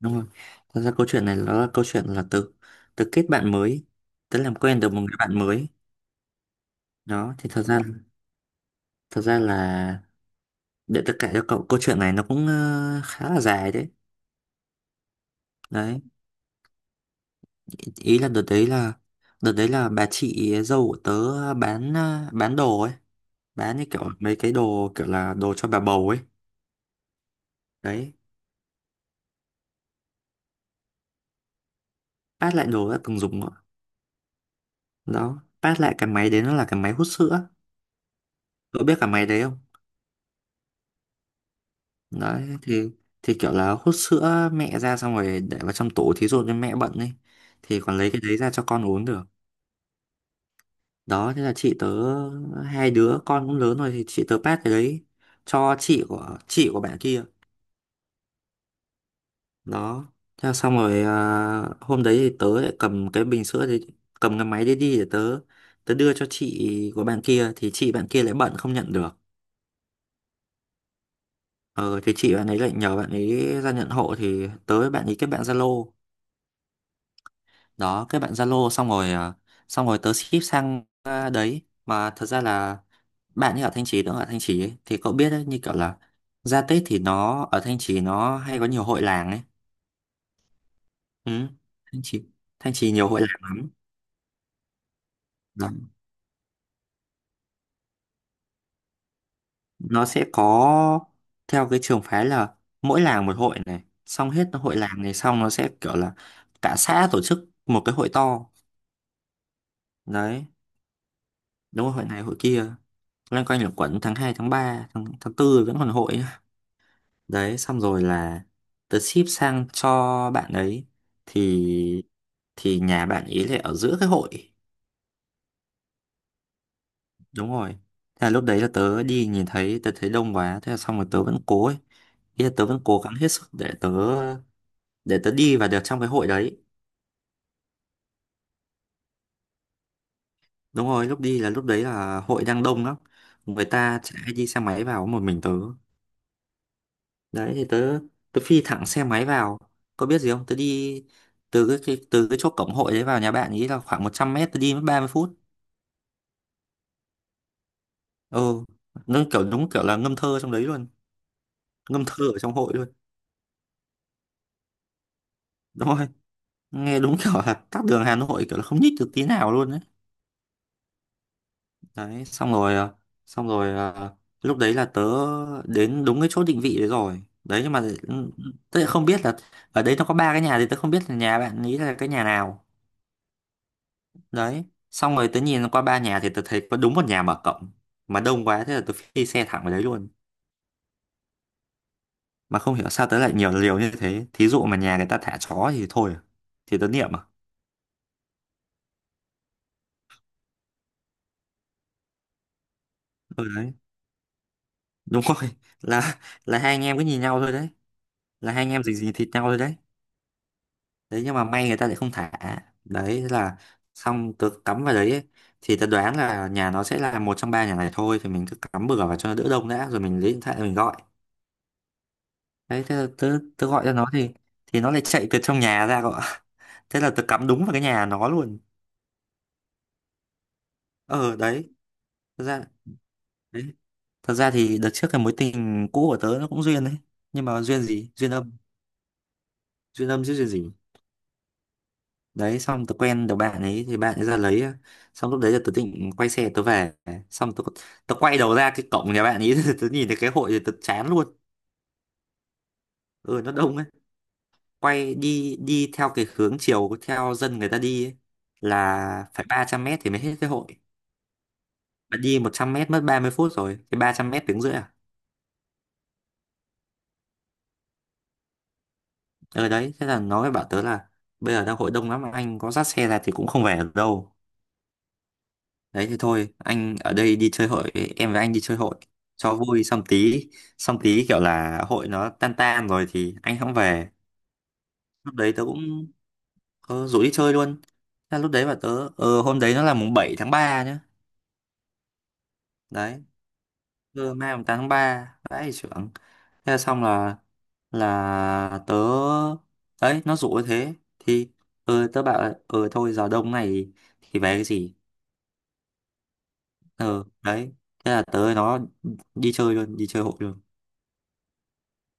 Đúng rồi, thật ra câu chuyện này nó là câu chuyện là từ từ kết bạn mới, tớ làm quen được một người bạn mới. Đó thì thật ra là, để tất cả cho cậu, câu chuyện này nó cũng khá là dài đấy. Đấy, ý ý là đợt đấy là bà chị dâu của tớ bán bán đồ ấy, bán như kiểu mấy cái đồ kiểu là đồ cho bà bầu ấy. Đấy, phát lại đồ đã từng dùng đó. Đó, phát lại cái máy đấy, nó là cái máy hút sữa. Cậu biết cái máy đấy không? Đấy thì kiểu là hút sữa mẹ ra xong rồi để vào trong tủ, thí dụ như mẹ bận ấy, thì còn lấy cái đấy ra cho con uống được. Đó, thế là chị tớ, hai đứa con cũng lớn rồi thì chị tớ pass cái đấy cho chị của bạn kia. Đó, thế là xong rồi, hôm đấy thì tớ lại cầm cái bình sữa đấy, cầm cái máy đấy đi để tớ tớ đưa cho chị của bạn kia thì chị bạn kia lại bận không nhận được. Ờ thì chị bạn ấy lại nhờ bạn ấy ra nhận hộ, thì tớ với bạn ấy kết bạn Zalo. Đó, kết bạn Zalo xong rồi, xong rồi tớ ship sang, đấy. Mà thật ra là bạn như ở Thanh Trì nữa, ở Thanh Trì ấy, thì cậu biết đấy, như kiểu là ra Tết thì nó ở Thanh Trì nó hay có nhiều hội làng ấy. Ừ, Thanh Trì, nhiều hội làng lắm. Đó, nó sẽ có, theo cái trường phái là mỗi làng một hội này, xong hết hội làng này xong nó sẽ kiểu là cả xã tổ chức một cái hội to. Đấy, đúng rồi, hội này hội kia, loanh quanh là quẩn tháng 2 tháng 3 tháng tư vẫn còn hội. Đấy, xong rồi là tớ ship sang cho bạn ấy thì thì nhà bạn ấy lại ở giữa cái hội. Đúng rồi. Thế là lúc đấy là tớ đi nhìn thấy, tớ thấy đông quá, thế là xong rồi tớ vẫn cố ấy. Ý là tớ vẫn cố gắng hết sức để tớ đi và được trong cái hội đấy. Đúng rồi, lúc đi là lúc đấy là hội đang đông lắm. Người ta chạy đi xe máy vào có một mình tớ. Đấy thì tớ tớ phi thẳng xe máy vào, có biết gì không, tớ đi từ cái chỗ cổng hội đấy vào nhà bạn ý là khoảng 100 m, tớ đi mất 30 phút. Ừ, nó kiểu đúng kiểu là ngâm thơ trong đấy luôn, ngâm thơ ở trong hội luôn. Đúng rồi, nghe đúng kiểu là tắc đường Hà Nội, kiểu là không nhích được tí nào luôn đấy. Đấy, xong rồi, lúc đấy là tớ đến đúng cái chỗ định vị đấy rồi đấy, nhưng mà tớ lại không biết là ở đấy nó có ba cái nhà thì tớ không biết là nhà bạn ý là cái nhà nào. Đấy, xong rồi tớ nhìn qua ba nhà thì tớ thấy có đúng một nhà mở cộng, mà đông quá thế là tớ phi xe thẳng vào đấy luôn. Mà không hiểu sao tớ lại nhiều liều như thế, thí dụ mà nhà người ta thả chó thì thôi à, thì tớ niệm à. Ừ đấy, đúng rồi là là hai anh em cứ nhìn nhau thôi đấy, là hai anh em dính dính thịt nhau thôi đấy. Đấy nhưng mà may người ta lại không thả. Đấy thế là xong, tớ cắm vào đấy ấy. Thì tớ đoán là nhà nó sẽ là một trong ba nhà này thôi, thì mình cứ cắm bừa vào cho nó đỡ đông đã rồi mình lấy điện thoại mình gọi. Đấy thế là tớ, gọi cho nó thì nó lại chạy từ trong nhà ra gọi. Thế là tớ cắm đúng vào cái nhà nó luôn. ờ đấy thật ra đấy thật ra thì đợt trước cái mối tình cũ của tớ nó cũng duyên đấy, nhưng mà duyên gì, duyên âm, duyên âm chứ duyên gì. Đấy, xong tớ quen được bạn ấy thì bạn ấy ra lấy, xong lúc đấy là tớ định quay xe tớ về, xong tớ tớ quay đầu ra cái cổng nhà bạn ấy tớ nhìn thấy cái hội thì tớ chán luôn. Ừ, nó đông ấy, quay đi đi theo cái hướng chiều theo dân người ta đi ấy, là phải 300 m thì mới hết cái hội. Bạn đi 100 m mất 30 phút rồi, cái 300 m tiếng rưỡi à. Ờ đấy, thế là nó mới bảo tớ là: bây giờ đang hội đông lắm, anh có dắt xe ra thì cũng không về được đâu. Đấy thì thôi, anh ở đây đi chơi hội, em với anh đi chơi hội cho vui, xong tí, kiểu là hội nó tan tan rồi thì anh không về. Lúc đấy tớ cũng, rủ đi chơi luôn. Thế là lúc đấy bảo tớ, hôm đấy nó là mùng 7 tháng 3 nhá. Đấy, cơ mai mùng 8 tháng 3, vãi trưởng. Thế là xong, là tớ, đấy, nó rủ như thế thì tớ bảo là, ờ thôi giờ đông này thì về cái gì. Ờ Đấy thế là tớ với nó đi chơi luôn, đi chơi hội luôn.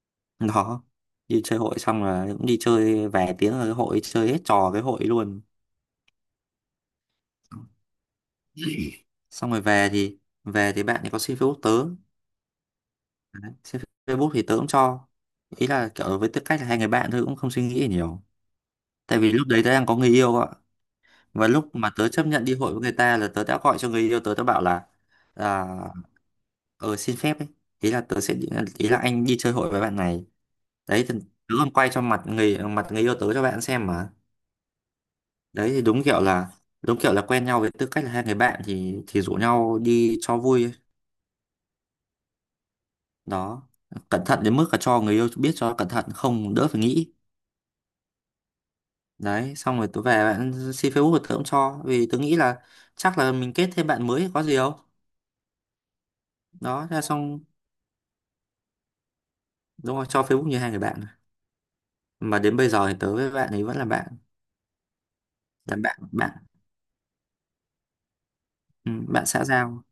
Đó, đi chơi hội xong là cũng đi chơi về tiếng, là cái hội chơi hết trò cái hội luôn. Xong rồi về thì, bạn ấy có xin Facebook tớ. Đấy, xin Facebook thì tớ cũng cho, ý là kiểu với tư cách là hai người bạn thôi, cũng không suy nghĩ nhiều. Tại vì lúc đấy tớ đang có người yêu ạ, và lúc mà tớ chấp nhận đi hội với người ta là tớ đã gọi cho người yêu tớ tớ bảo là, à, ờ xin phép ấy. Ý là tớ sẽ ý là anh đi chơi hội với bạn này. Đấy, thì tớ còn quay cho mặt người yêu tớ cho bạn xem mà. Đấy thì đúng kiểu là quen nhau với tư cách là hai người bạn thì rủ nhau đi cho vui ấy. Đó, cẩn thận đến mức là cho người yêu biết cho cẩn thận, không đỡ phải nghĩ. Đấy, xong rồi tớ về, bạn xin Facebook của tớ cũng cho, vì tớ nghĩ là chắc là mình kết thêm bạn mới có gì đâu. Đó, ra xong, đúng rồi, cho Facebook như hai người bạn. Mà đến bây giờ thì tớ với bạn ấy vẫn là bạn, là bạn bạn. Ừ, bạn xã giao.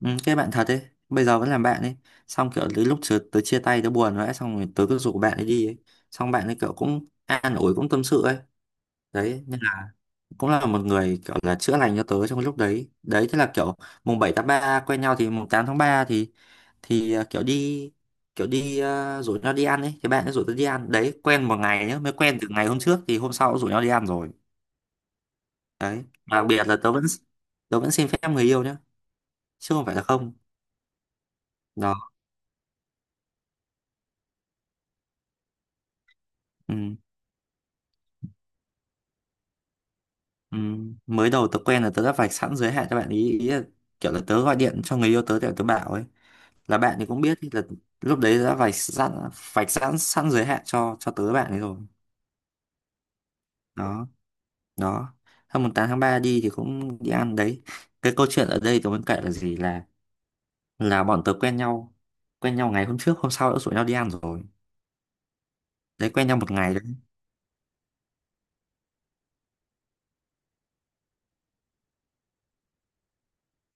Ừ, cái bạn thật ấy, bây giờ vẫn là bạn ấy. Xong kiểu đến lúc tớ chia tay tớ buồn rồi ấy, xong rồi tớ cứ rủ bạn ấy đi ấy. Xong bạn ấy kiểu cũng an ủi, cũng tâm sự ấy. Đấy, nên là cũng là một người kiểu là chữa lành cho tớ trong cái lúc đấy. Đấy thế là kiểu mùng 7 tháng 3 quen nhau thì mùng 8 tháng 3 thì kiểu đi, rủ nhau đi ăn ấy, thì bạn ấy rủ tớ đi ăn đấy, quen một ngày nhá, mới quen từ ngày hôm trước thì hôm sau cũng rủ nhau đi ăn rồi. Đấy, đặc biệt là tớ vẫn xin phép người yêu nhá, chứ không phải là không. Đó. Ừ. Ừ. Mới đầu tớ quen là tớ đã vạch sẵn giới hạn cho bạn ý ý là kiểu là tớ gọi điện cho người yêu tớ để tớ bảo ấy là bạn, thì cũng biết ý là lúc đấy đã vạch sẵn sẵn giới hạn cho tớ bạn ấy rồi. Đó. Đó, hôm mùng 8 tháng 3 đi thì cũng đi ăn đấy. Cái câu chuyện ở đây tôi muốn kể là gì, là bọn tớ quen nhau, quen nhau ngày hôm trước hôm sau đã rủ nhau đi ăn rồi. Đấy, quen nhau một ngày đấy.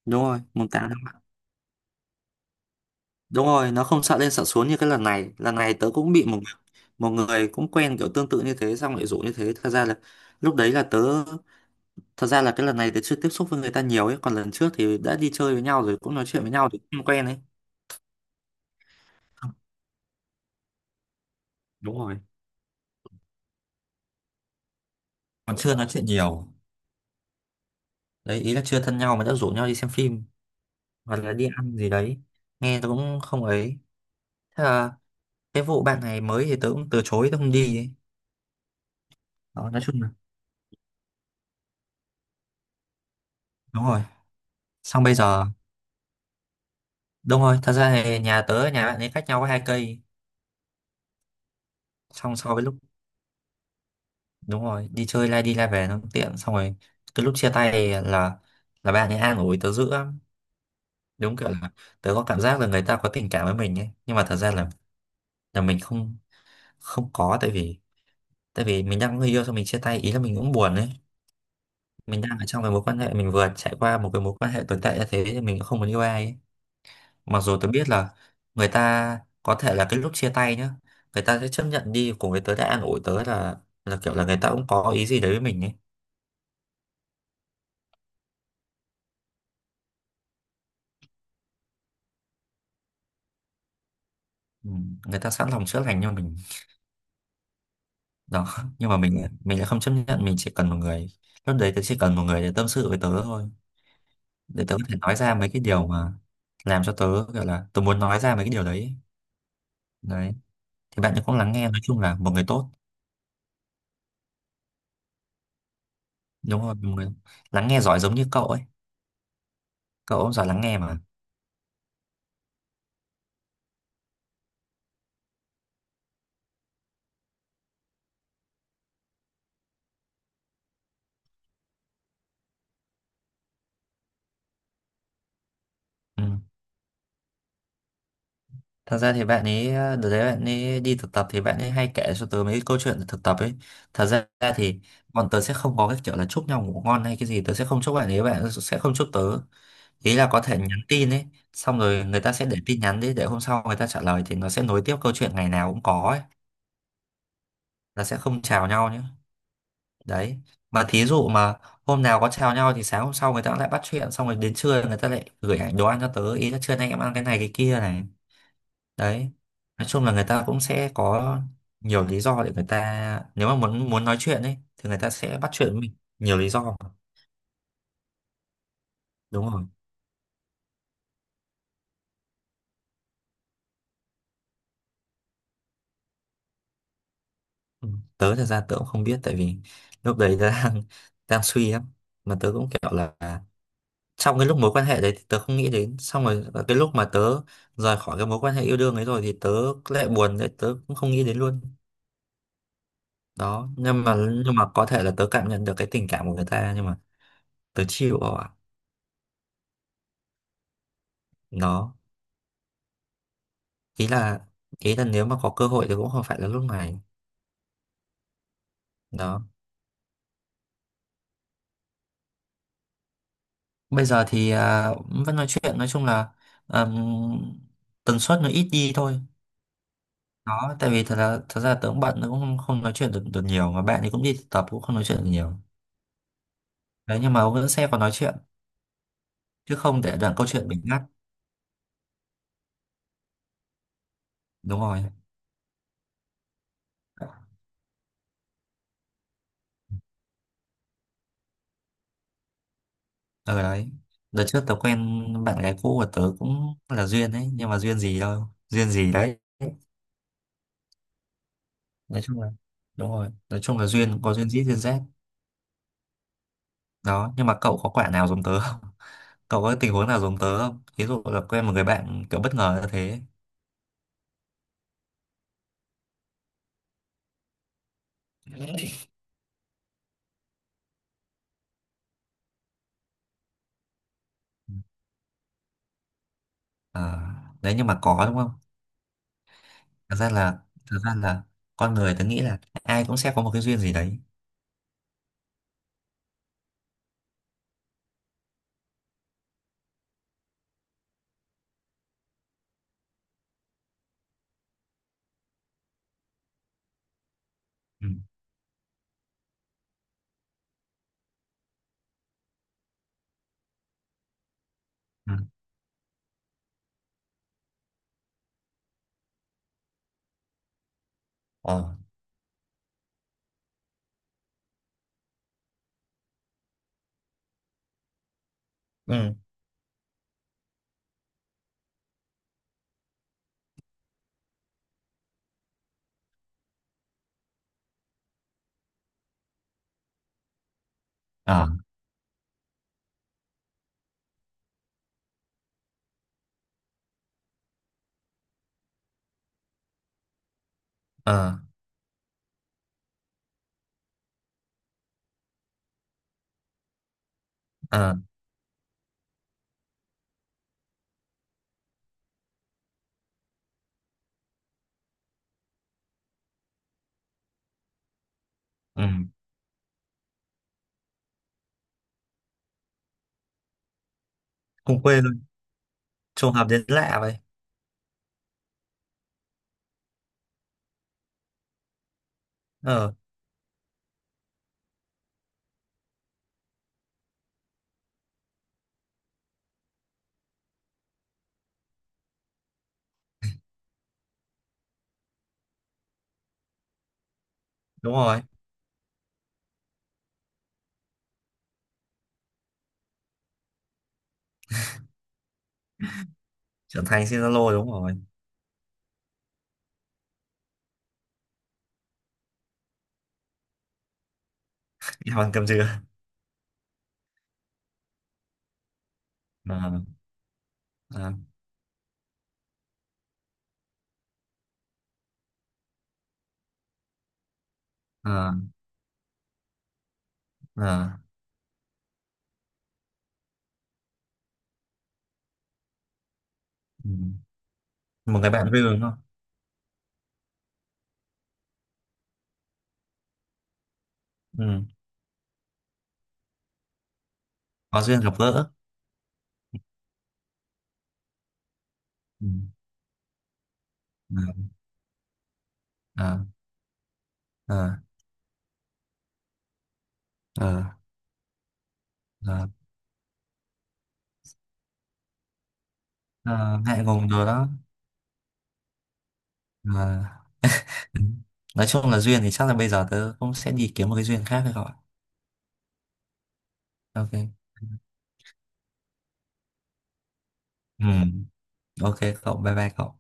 Đúng rồi mùng tám. Đúng rồi, nó không sợ lên sợ xuống như cái lần này. Lần này tớ cũng bị một, người cũng quen kiểu tương tự như thế xong lại rủ như thế. Thật ra là lúc đấy là tớ thật ra là cái lần này tớ chưa tiếp xúc với người ta nhiều ấy, còn lần trước thì đã đi chơi với nhau rồi, cũng nói chuyện với nhau thì cũng quen ấy. Đúng rồi. Còn chưa nói chuyện nhiều. Đấy, ý là chưa thân nhau mà đã rủ nhau đi xem phim hoặc là đi ăn gì đấy. Nghe tớ cũng không ấy. Thế là cái vụ bạn này mới thì tớ cũng từ chối, tớ không đi ấy. Đó, nói chung là đúng rồi. Xong bây giờ, đúng rồi, thật ra thì nhà tớ và nhà bạn ấy cách nhau có hai cây, xong so với lúc, đúng rồi, đi chơi lai đi lai về nó cũng tiện. Xong rồi cái lúc chia tay thì là bạn ấy an ủi tớ dữ lắm, đúng kiểu là tớ có cảm giác là người ta có tình cảm với mình ấy, nhưng mà thật ra là mình không không có, tại vì mình đang có người yêu, xong mình chia tay, ý là mình cũng buồn ấy. Mình đang ở trong cái mối quan hệ, mình vừa trải qua một cái mối quan hệ tồi tệ như thế thì mình cũng không muốn yêu ai ấy. Mặc dù tớ biết là người ta có thể là cái lúc chia tay nhá, người ta sẽ chấp nhận đi cùng với tớ, đã an ủi tớ, là kiểu là người ta cũng có ý gì đấy với mình ấy. Ừ, người ta sẵn lòng chữa lành cho mình. Đó, nhưng mà mình lại không chấp nhận, mình chỉ cần một người. Lúc đấy tớ chỉ cần một người để tâm sự với tớ thôi, để tớ có thể nói ra mấy cái điều mà làm cho tớ, gọi là tớ muốn nói ra mấy cái điều đấy. Đấy, thì bạn ấy cũng lắng nghe, nói chung là một người tốt, đúng rồi, một người lắng nghe giỏi giống như cậu ấy. Cậu cũng giỏi lắng nghe mà. Ừ. Thật ra thì bạn ấy, đợt đấy bạn ấy đi thực tập thì bạn ấy hay kể cho tớ mấy cái câu chuyện thực tập ấy. Thật ra thì bọn tớ sẽ không có cái kiểu là chúc nhau ngủ ngon hay cái gì, tớ sẽ không chúc bạn ấy, bạn ấy sẽ không chúc tớ, ý là có thể nhắn tin ấy, xong rồi người ta sẽ để tin nhắn đi để hôm sau người ta trả lời thì nó sẽ nối tiếp câu chuyện, ngày nào cũng có ấy. Là sẽ không chào nhau nhé. Đấy, mà thí dụ mà hôm nào có chào nhau thì sáng hôm sau người ta lại bắt chuyện, xong rồi đến trưa người ta lại gửi ảnh đồ ăn cho tớ, ý là trưa nay em ăn cái này cái kia này. Đấy, nói chung là người ta cũng sẽ có nhiều lý do để người ta, nếu mà muốn muốn nói chuyện ấy thì người ta sẽ bắt chuyện với mình, nhiều lý do. Đúng rồi. Ừ, tớ thật ra tớ cũng không biết, tại vì lúc đấy tớ đang đang suy lắm, mà tớ cũng kiểu là, trong cái lúc mối quan hệ đấy thì tớ không nghĩ đến, xong rồi cái lúc mà tớ rời khỏi cái mối quan hệ yêu đương ấy rồi thì tớ lại buồn đấy, tớ cũng không nghĩ đến luôn. Đó, nhưng mà có thể là tớ cảm nhận được cái tình cảm của người ta, nhưng mà tớ chịu rồi ạ. Đó, ý là ý là nếu mà có cơ hội thì cũng không phải là lúc này. Đó, bây giờ thì vẫn nói chuyện, nói chung là, ừm, tần suất nó ít đi thôi. Đó, tại vì thật ra tớ cũng bận, tớ cũng không nói chuyện được được nhiều, mà bạn thì cũng đi thực tập, cũng không nói chuyện được nhiều. Đấy, nhưng mà ông vẫn sẽ còn nói chuyện, chứ không để đoạn câu chuyện bị ngắt. Đúng rồi. Ở đấy, đợt trước tớ quen bạn gái cũ của tớ cũng là duyên đấy, nhưng mà duyên gì đâu, duyên gì đấy. Nói chung là đúng rồi, nói chung là duyên có duyên dít duyên rét. Đó, nhưng mà cậu có quả nào giống tớ không, cậu có tình huống nào giống tớ không, ví dụ là quen một người bạn kiểu bất ngờ như thế. À, đấy, nhưng mà có đúng không. Thật ra là thật ra là con người tớ nghĩ là ai cũng sẽ có một cái duyên gì đấy. Ừ. Ừ. Ờ. Ừ. Ờ. Ờ. Ờ. Ừ. Cùng quê luôn, trùng hợp đến lạ vậy. Ờ. Đúng rồi, trưởng thành trên Zalo đúng rồi. Đi hoàn cầm dừa. Ờ. Ờ. Ờ. Ờ. Ừ. Một người bạn vui đúng không. Ừ, có duyên gặp gỡ. Ừ. Ờ. Ờ. Ờ. Ờ. Ờ, ờ, ngại ngùng rồi đó. Ờ. Ừ. Nói chung là duyên thì chắc là bây giờ tớ cũng sẽ đi kiếm một cái duyên khác rồi. Ok. Ừ. Ok cậu, bye bye cậu.